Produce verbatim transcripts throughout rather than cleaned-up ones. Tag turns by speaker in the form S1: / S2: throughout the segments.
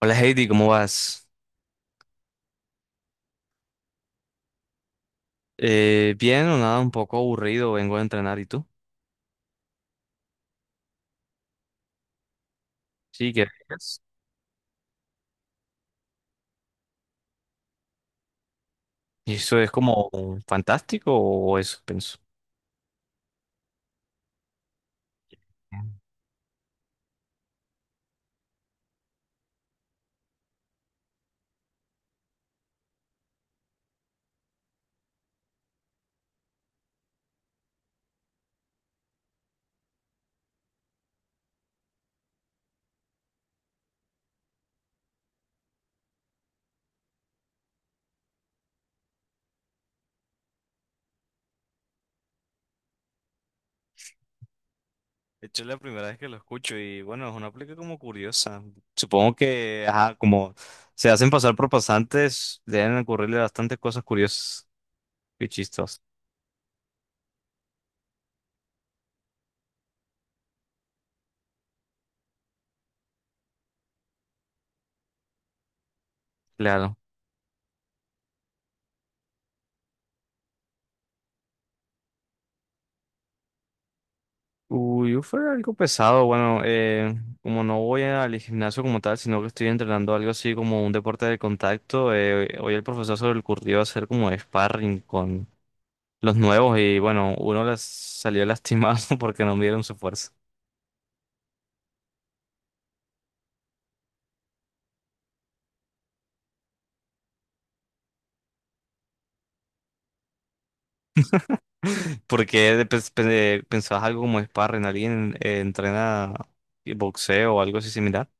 S1: Hola Heidi, ¿cómo vas? Eh, bien o nada, un poco aburrido, vengo a entrenar. ¿Y tú? Sí, ¿qué haces? ¿Y eso es como fantástico o eso pienso? De hecho, es la primera vez que lo escucho y bueno, es una aplica como curiosa. Supongo que, ajá, como se hacen pasar por pasantes, deben ocurrirle bastantes cosas curiosas y chistosas. Claro. Uy, yo fue algo pesado. Bueno, eh, como no voy al gimnasio como tal, sino que estoy entrenando algo así como un deporte de contacto, eh, hoy el profesor se le ocurrió hacer como sparring con los nuevos y bueno, uno les salió lastimado porque no midieron su fuerza. Porque pensabas algo como sparring, alguien eh, entrena boxeo o algo así similar.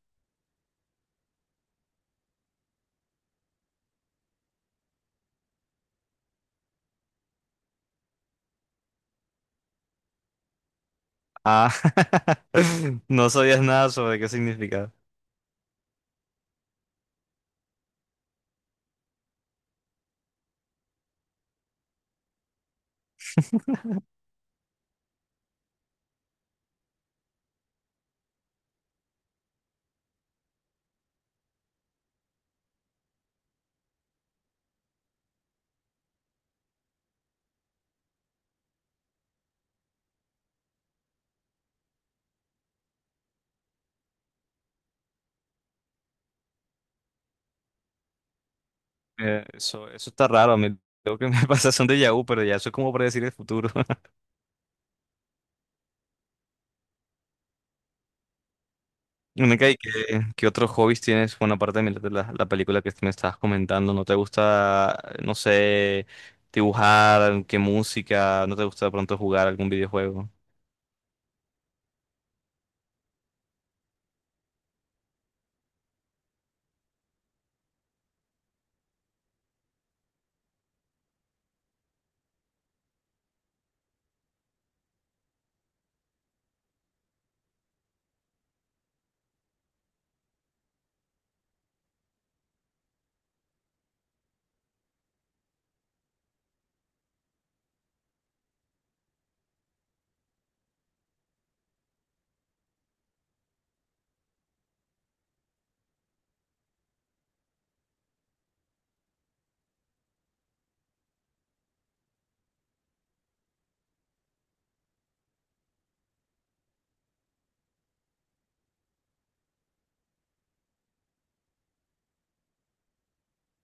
S1: Ah, no sabías nada sobre qué significaba. Eh, eso, eso está raro. A mí lo que me pasa son de Yahoo, pero ya eso es como predecir el futuro. Veneca, ¿Y qué, qué otros hobbies tienes? Bueno, aparte de mirar la, la película que me estabas comentando, ¿no te gusta, no sé, dibujar? ¿Qué música? ¿No te gusta de pronto jugar algún videojuego?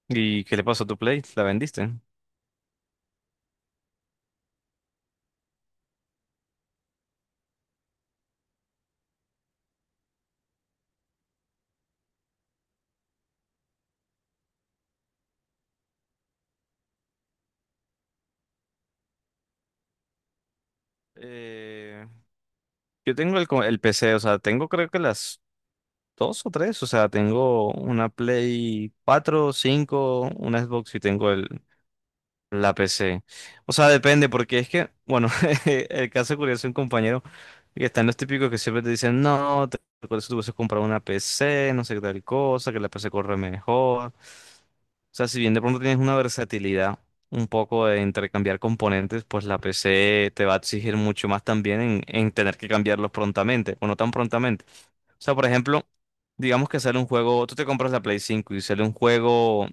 S1: ¿Y qué le pasó a tu Play? ¿La vendiste? Eh, yo tengo el, co- el P C, o sea, tengo creo que las dos o tres, o sea, tengo una Play cuatro, cinco una Xbox y tengo el, la P C. O sea, depende, porque es que, bueno, el caso curioso de un compañero que están los típicos que siempre te dicen, no, te recuerdo si tú hubieses comprado una P C, no sé qué tal cosa, que la P C corre mejor. O sea, si bien de pronto tienes una versatilidad un poco de intercambiar componentes, pues la P C te va a exigir mucho más también en, en tener que cambiarlos prontamente, o no tan prontamente. O sea, por ejemplo, digamos que sale un juego, tú te compras la Play cinco y sale un juego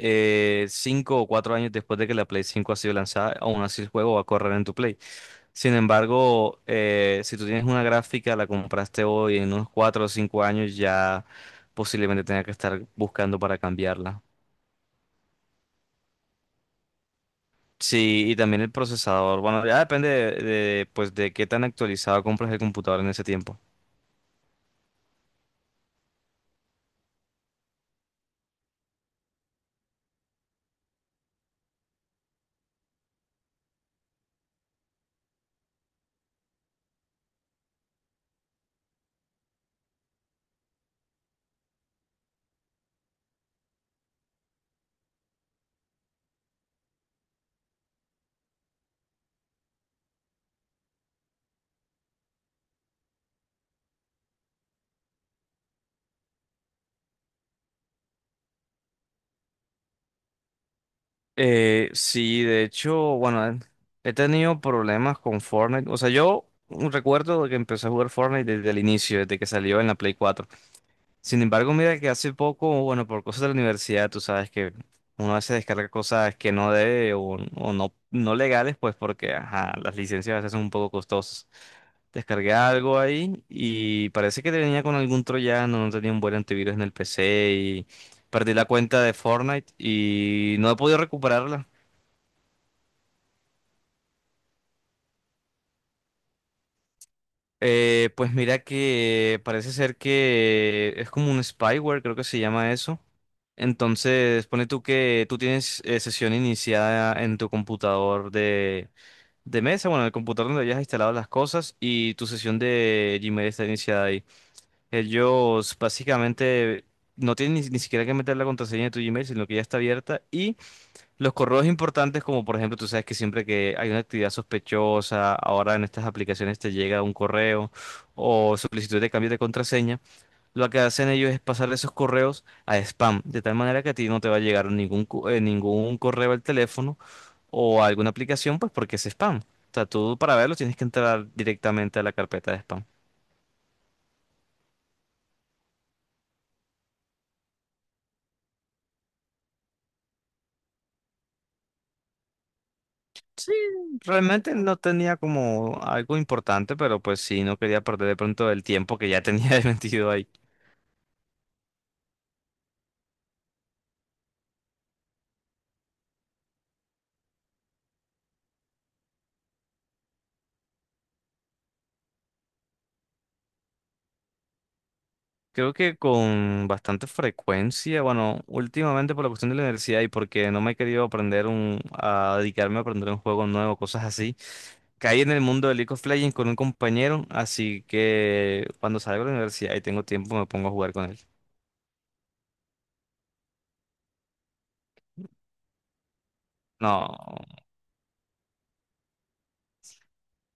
S1: eh, cinco o cuatro años después de que la Play cinco ha sido lanzada, aún así el juego va a correr en tu Play. Sin embargo, eh, si tú tienes una gráfica, la compraste hoy, en unos cuatro o cinco años ya posiblemente tenga que estar buscando para cambiarla. Sí, y también el procesador. Bueno, ya depende de, de, pues, de qué tan actualizado compras el computador en ese tiempo. Eh, sí, de hecho, bueno, eh, he tenido problemas con Fortnite. O sea, yo recuerdo que empecé a jugar Fortnite desde el inicio, desde que salió en la Play cuatro. Sin embargo, mira que hace poco, bueno, por cosas de la universidad, tú sabes que uno a veces descarga cosas que no debe o, o no, no legales, pues porque ajá, las licencias a veces son un poco costosas. Descargué algo ahí y parece que venía con algún troyano, no tenía un buen antivirus en el P C y perdí la cuenta de Fortnite y no he podido recuperarla. Eh, pues mira que parece ser que es como un spyware, creo que se llama eso. Entonces, pone tú que tú tienes eh, sesión iniciada en tu computador de, de mesa, bueno, en el computador donde hayas instalado las cosas y tu sesión de Gmail está iniciada ahí. Ellos básicamente no tienen ni, ni siquiera que meter la contraseña de tu Gmail, sino que ya está abierta y los correos importantes, como por ejemplo, tú sabes que siempre que hay una actividad sospechosa, ahora en estas aplicaciones te llega un correo o solicitud de cambio de contraseña. Lo que hacen ellos es pasar esos correos a spam, de tal manera que a ti no te va a llegar ningún, cu- eh, ningún correo al teléfono o a alguna aplicación, pues porque es spam. O sea, tú para verlo tienes que entrar directamente a la carpeta de spam. Realmente no tenía como algo importante, pero pues sí, no quería perder de pronto el tiempo que ya tenía metido ahí. Creo que con bastante frecuencia, bueno, últimamente por la cuestión de la universidad y porque no me he querido aprender un, a dedicarme a aprender un juego nuevo, cosas así. Caí en el mundo de League of Legends con un compañero, así que cuando salgo de la universidad y tengo tiempo me pongo a jugar con él. No,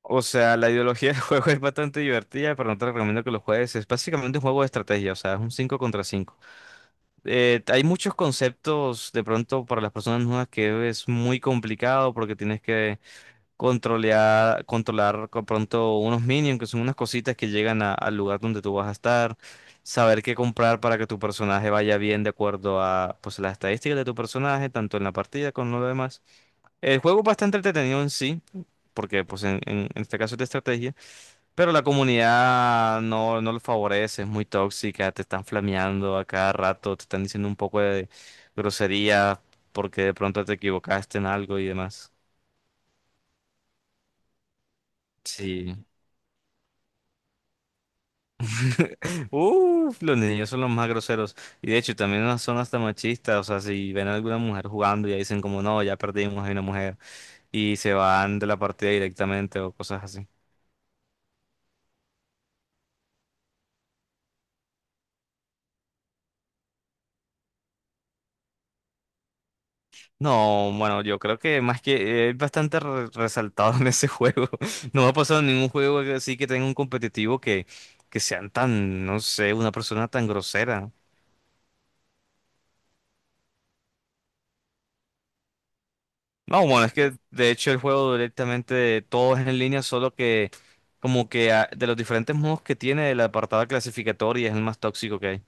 S1: o sea, la ideología del juego es bastante divertida, pero no te recomiendo que lo juegues. Es básicamente un juego de estrategia, o sea, es un cinco contra cinco. Eh, hay muchos conceptos de pronto para las personas nuevas que es muy complicado porque tienes que controlear, controlar con pronto unos minions, que son unas cositas que llegan a- al lugar donde tú vas a estar, saber qué comprar para que tu personaje vaya bien de acuerdo a pues las estadísticas de tu personaje, tanto en la partida como en lo demás. El juego es bastante entretenido en sí, porque pues en, en- en este caso es de estrategia, pero la comunidad no, no lo favorece, es muy tóxica, te están flameando a cada rato, te están diciendo un poco de grosería porque de pronto te equivocaste en algo y demás. Sí. Uf, los niños son los más groseros. Y de hecho, también no son hasta machistas. O sea, si ven a alguna mujer jugando, ya dicen como, no, ya perdimos, hay una mujer. Y se van de la partida directamente o cosas así. No, bueno, yo creo que más que es bastante re- resaltado en ese juego. No me ha pasado en ningún juego así que tenga un competitivo que, que sean tan, no sé, una persona tan grosera. No, bueno, es que de hecho el juego directamente todo es en línea, solo que como que ah, de los diferentes modos que tiene el apartado clasificatorio es el más tóxico que hay.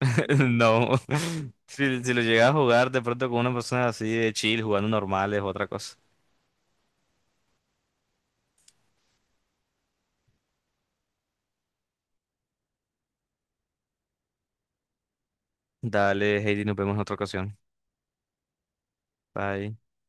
S1: No, si, si lo llegas a jugar de pronto con una persona así de chill, jugando normales, otra cosa. Dale, Heidi, nos vemos en otra ocasión. Bye.